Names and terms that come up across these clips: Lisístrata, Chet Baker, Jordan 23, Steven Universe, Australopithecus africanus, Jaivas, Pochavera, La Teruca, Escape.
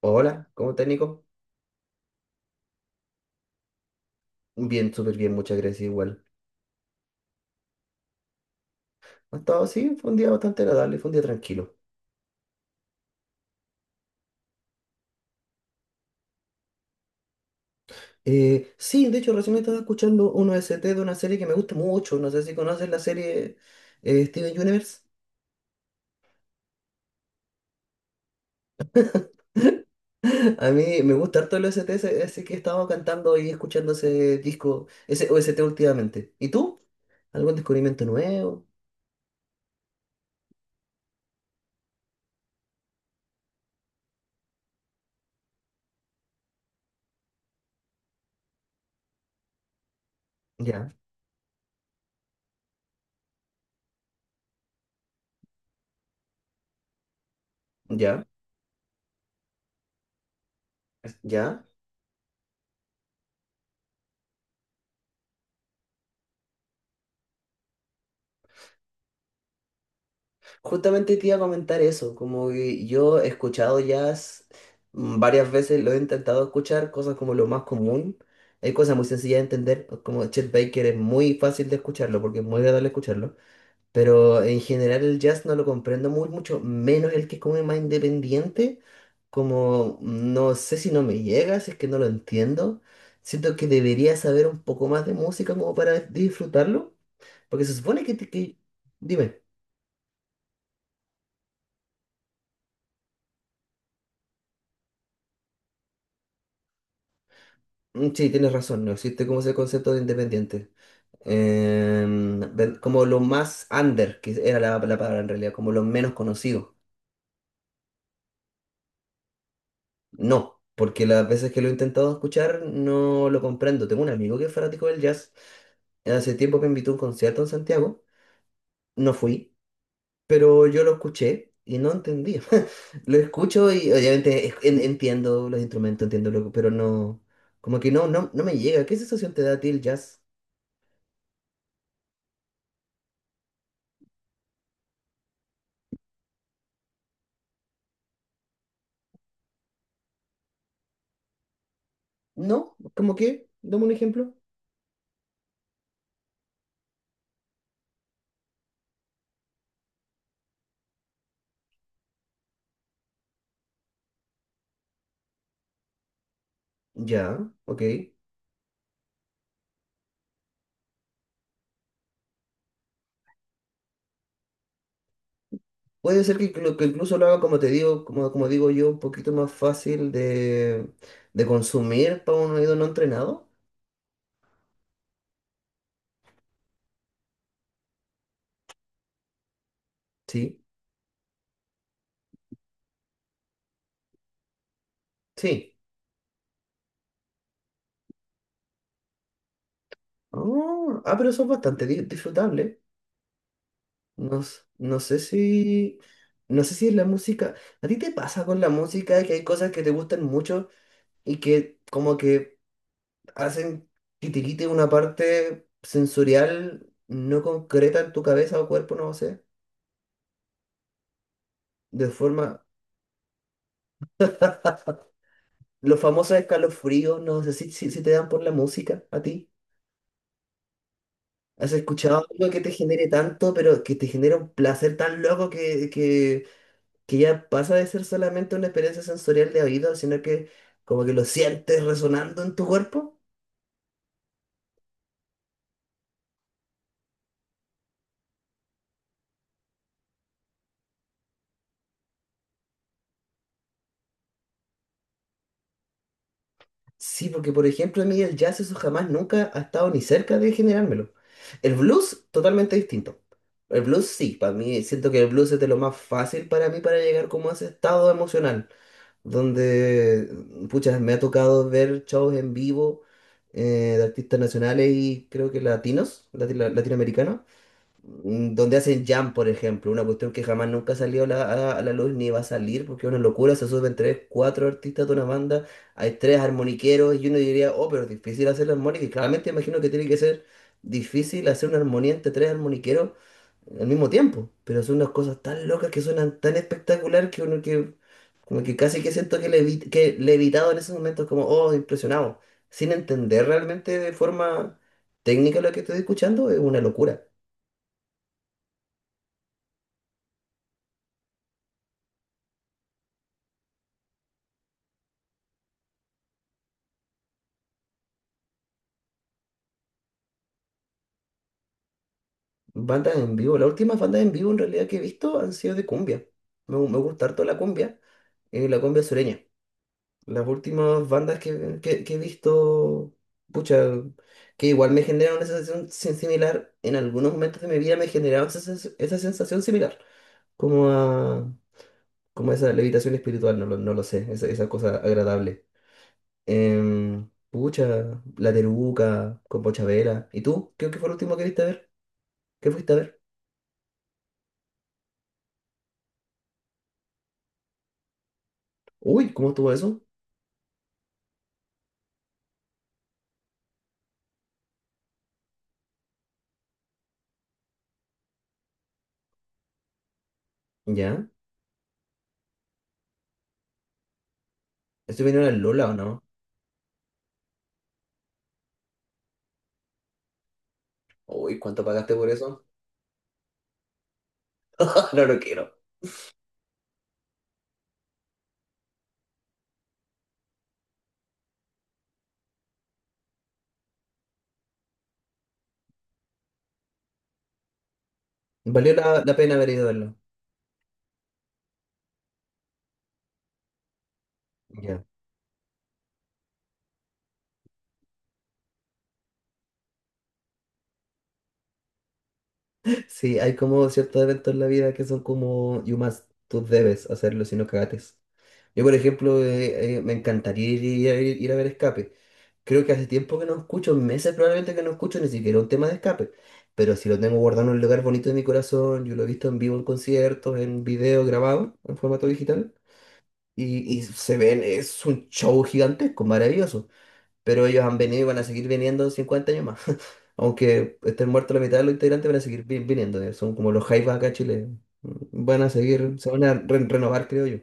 Hola, ¿cómo estás, Nico? Bien, súper bien, muchas gracias igual. Ha estado así, fue un día bastante agradable, fue un día tranquilo. Sí, de hecho, recién estaba escuchando un O S T de una serie que me gusta mucho. No sé si conoces la serie Steven Universe. A mí me gusta harto el O S T así que he estado cantando y escuchando ese disco, ese o S T últimamente. ¿Y tú? ¿Algún descubrimiento nuevo? Ya, ya, ya. Justamente te iba a comentar eso, como que yo he escuchado jazz varias veces, lo he intentado escuchar, cosas como lo más común. Hay cosas muy sencillas de entender, como Chet Baker es muy fácil de escucharlo porque es muy agradable escucharlo, pero en general el jazz no lo comprendo muy mucho, menos el que es como más independiente, como no sé si no me llega, si es que no lo entiendo. Siento que debería saber un poco más de música como para disfrutarlo, porque se supone que, que... Dime. Sí, tienes razón, no existe como ese concepto de independiente. Como lo más under, que era la palabra en realidad, como lo menos conocido. No, porque las veces que lo he intentado escuchar no lo comprendo. Tengo un amigo que es fanático del jazz. Hace tiempo que me invitó a un concierto en Santiago. No fui, pero yo lo escuché y no entendía. Lo escucho y obviamente entiendo los instrumentos, entiendo lo, pero no, como que no me llega. ¿Qué sensación te da a ti el jazz? No, como que, dame un ejemplo. Ya, ok. Puede ser que, que incluso lo haga, como te digo, como, como digo yo, un poquito más fácil de consumir para un oído no entrenado. Sí, sí. Ah, ah, pero son bastante disfrutables. No, no sé si, no sé si es la música. ¿A ti te pasa con la música que hay cosas que te gustan mucho y que como que hacen que te quite una parte sensorial no concreta en tu cabeza o cuerpo, no sé, de forma... Los famosos escalofríos, no sé si te dan por la música a ti. ¿Has escuchado algo que te genere tanto, pero que te genera un placer tan loco que ya pasa de ser solamente una experiencia sensorial de oído, sino que como que lo sientes resonando en tu cuerpo? Sí, porque por ejemplo a mí el jazz eso jamás nunca ha estado ni cerca de generármelo. El blues, totalmente distinto. El blues sí, para mí siento que el blues es de lo más fácil para mí para llegar como a ese estado emocional. Donde, pucha, me ha tocado ver shows en vivo de artistas nacionales y creo que latinos, latinoamericanos, donde hacen jam, por ejemplo, una cuestión que jamás nunca salió a a la luz ni va a salir, porque es una locura, se suben tres, cuatro artistas de una banda, hay tres armoniqueros y uno diría, oh, pero es difícil hacer la armónica, y claramente imagino que tiene que ser difícil hacer una armonía entre tres armoniqueros al mismo tiempo, pero son unas cosas tan locas que suenan tan espectacular que uno que como que casi que siento que, que le he evitado en esos momentos, como, oh, impresionado, sin entender realmente de forma técnica lo que estoy escuchando, es una locura. Bandas en vivo, las últimas bandas en vivo en realidad que he visto han sido de cumbia. Me, me gusta harto la cumbia sureña. Las últimas bandas que he visto, pucha, que igual me generaron esa sensación similar, en algunos momentos de mi vida me generaron esa, esa sensación similar, como a como esa levitación espiritual, no lo sé, esa cosa agradable. Pucha, La Teruca, con Pochavera. ¿Y tú? ¿Qué, qué fue lo último que viste a ver? ¿Qué fuiste a ver? Uy, ¿cómo estuvo eso? ¿Ya? ¿Estoy viendo al Lola o no? Uy, ¿cuánto pagaste por eso? No lo quiero. Valió la pena haber ido a verlo. Ya. Sí, hay como ciertos eventos en la vida que son como you must, tú debes hacerlo si no cagates. Yo, por ejemplo, me encantaría ir a ver Escape. Creo que hace tiempo que no escucho, meses probablemente que no escucho ni siquiera un tema de escape. Pero si lo tengo guardado en un lugar bonito de mi corazón, yo lo he visto en vivo en conciertos, en video grabado, en formato digital. Y se ven, es un show gigantesco, maravilloso. Pero ellos han venido y van a seguir viniendo 50 años más. Aunque estén muertos la mitad de los integrantes, van a seguir viniendo. Son como los Jaivas acá en Chile. Van a seguir, se van a renovar, creo yo.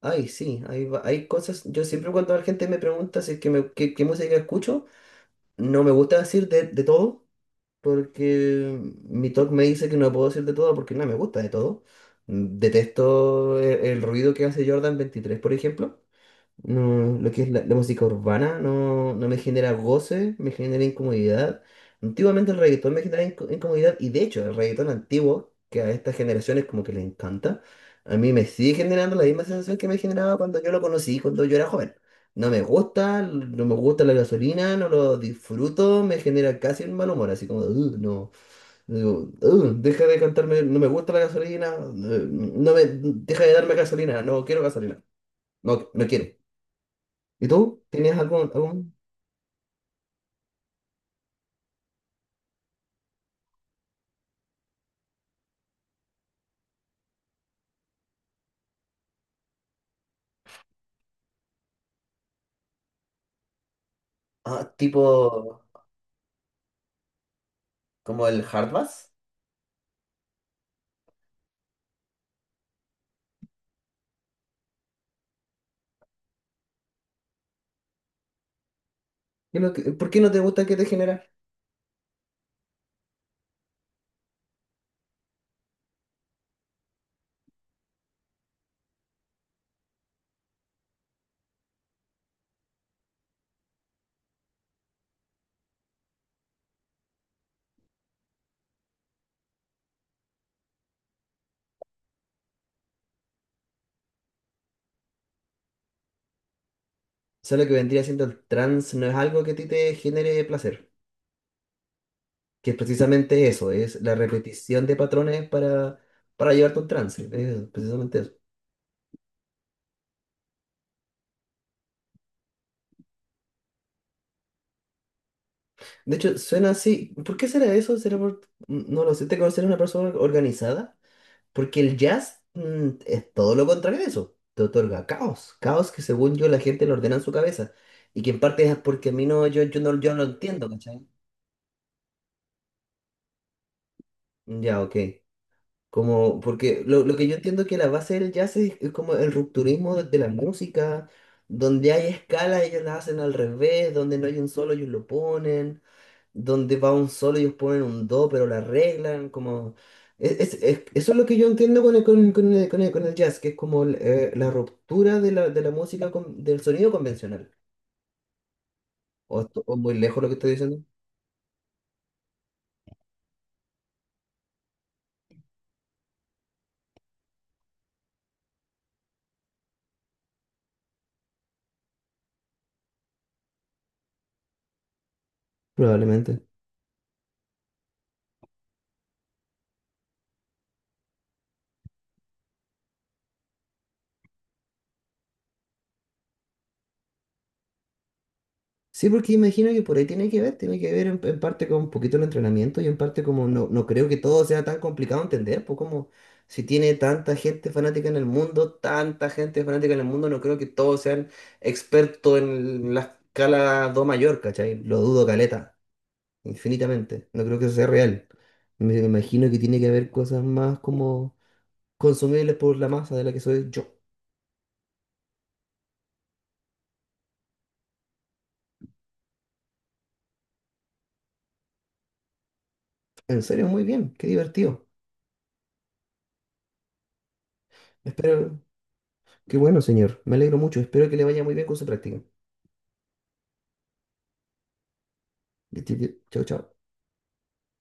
Ay, sí, hay, hay cosas. Yo siempre cuando la gente me pregunta si es que me, qué, qué música escucho. No me gusta decir de todo, porque mi TOC me dice que no puedo decir de todo porque no me gusta de todo. Detesto el, ruido que hace Jordan 23, por ejemplo. No, lo que es la música urbana no, no me genera goce, me genera incomodidad. Antiguamente el reggaetón me generaba incomodidad y de hecho el reggaetón antiguo, que a estas generaciones como que les encanta, a mí me sigue generando la misma sensación que me generaba cuando yo lo conocí, cuando yo era joven. No me gusta, no me gusta la gasolina, no lo disfruto, me genera casi un mal humor, así como, "Ugh, no, digo, "Ugh, deja de cantarme, no me gusta la gasolina, no me, deja de darme gasolina, no quiero gasolina, no, no quiero. ¿Y tú? ¿Tienes algún, algún? Ah, tipo como el hard bass. ¿Qué es por qué no te gusta que te genera? O sea, lo que vendría siendo el trance no es algo que a ti te genere placer, que es precisamente eso, es la repetición de patrones para llevarte a un trance, es precisamente eso. De hecho, suena así, ¿por qué será eso? ¿Será por, no lo sé, te conocer una persona organizada? Porque el jazz es todo lo contrario de eso. Te otorga caos. Caos que según yo la gente lo ordena en su cabeza. Y que en parte es porque a mí no, yo no lo entiendo, ¿cachai? Ya, ok. Como, porque lo que yo entiendo es que la base del jazz es como el rupturismo de la música, donde hay escalas, ellos las hacen al revés, donde no hay un solo, ellos lo ponen, donde va un solo, ellos ponen un do, pero la arreglan, como... Eso es lo que yo entiendo con el, con el, con el jazz, que es como la ruptura de la música, del sonido convencional. ¿O, o muy lejos lo que estoy diciendo? Probablemente. Sí, porque imagino que por ahí tiene que ver en parte con un poquito el entrenamiento y en parte como no, no creo que todo sea tan complicado entender, pues como si tiene tanta gente fanática en el mundo, tanta gente fanática en el mundo, no creo que todos sean expertos en la escala do mayor, ¿cachai? Lo dudo caleta, infinitamente, no creo que eso sea real. Me imagino que tiene que haber cosas más como consumibles por la masa de la que soy yo. En serio, muy bien, qué divertido. Espero, qué bueno, señor, me alegro mucho, espero que le vaya muy bien con su práctica. Chao, chao.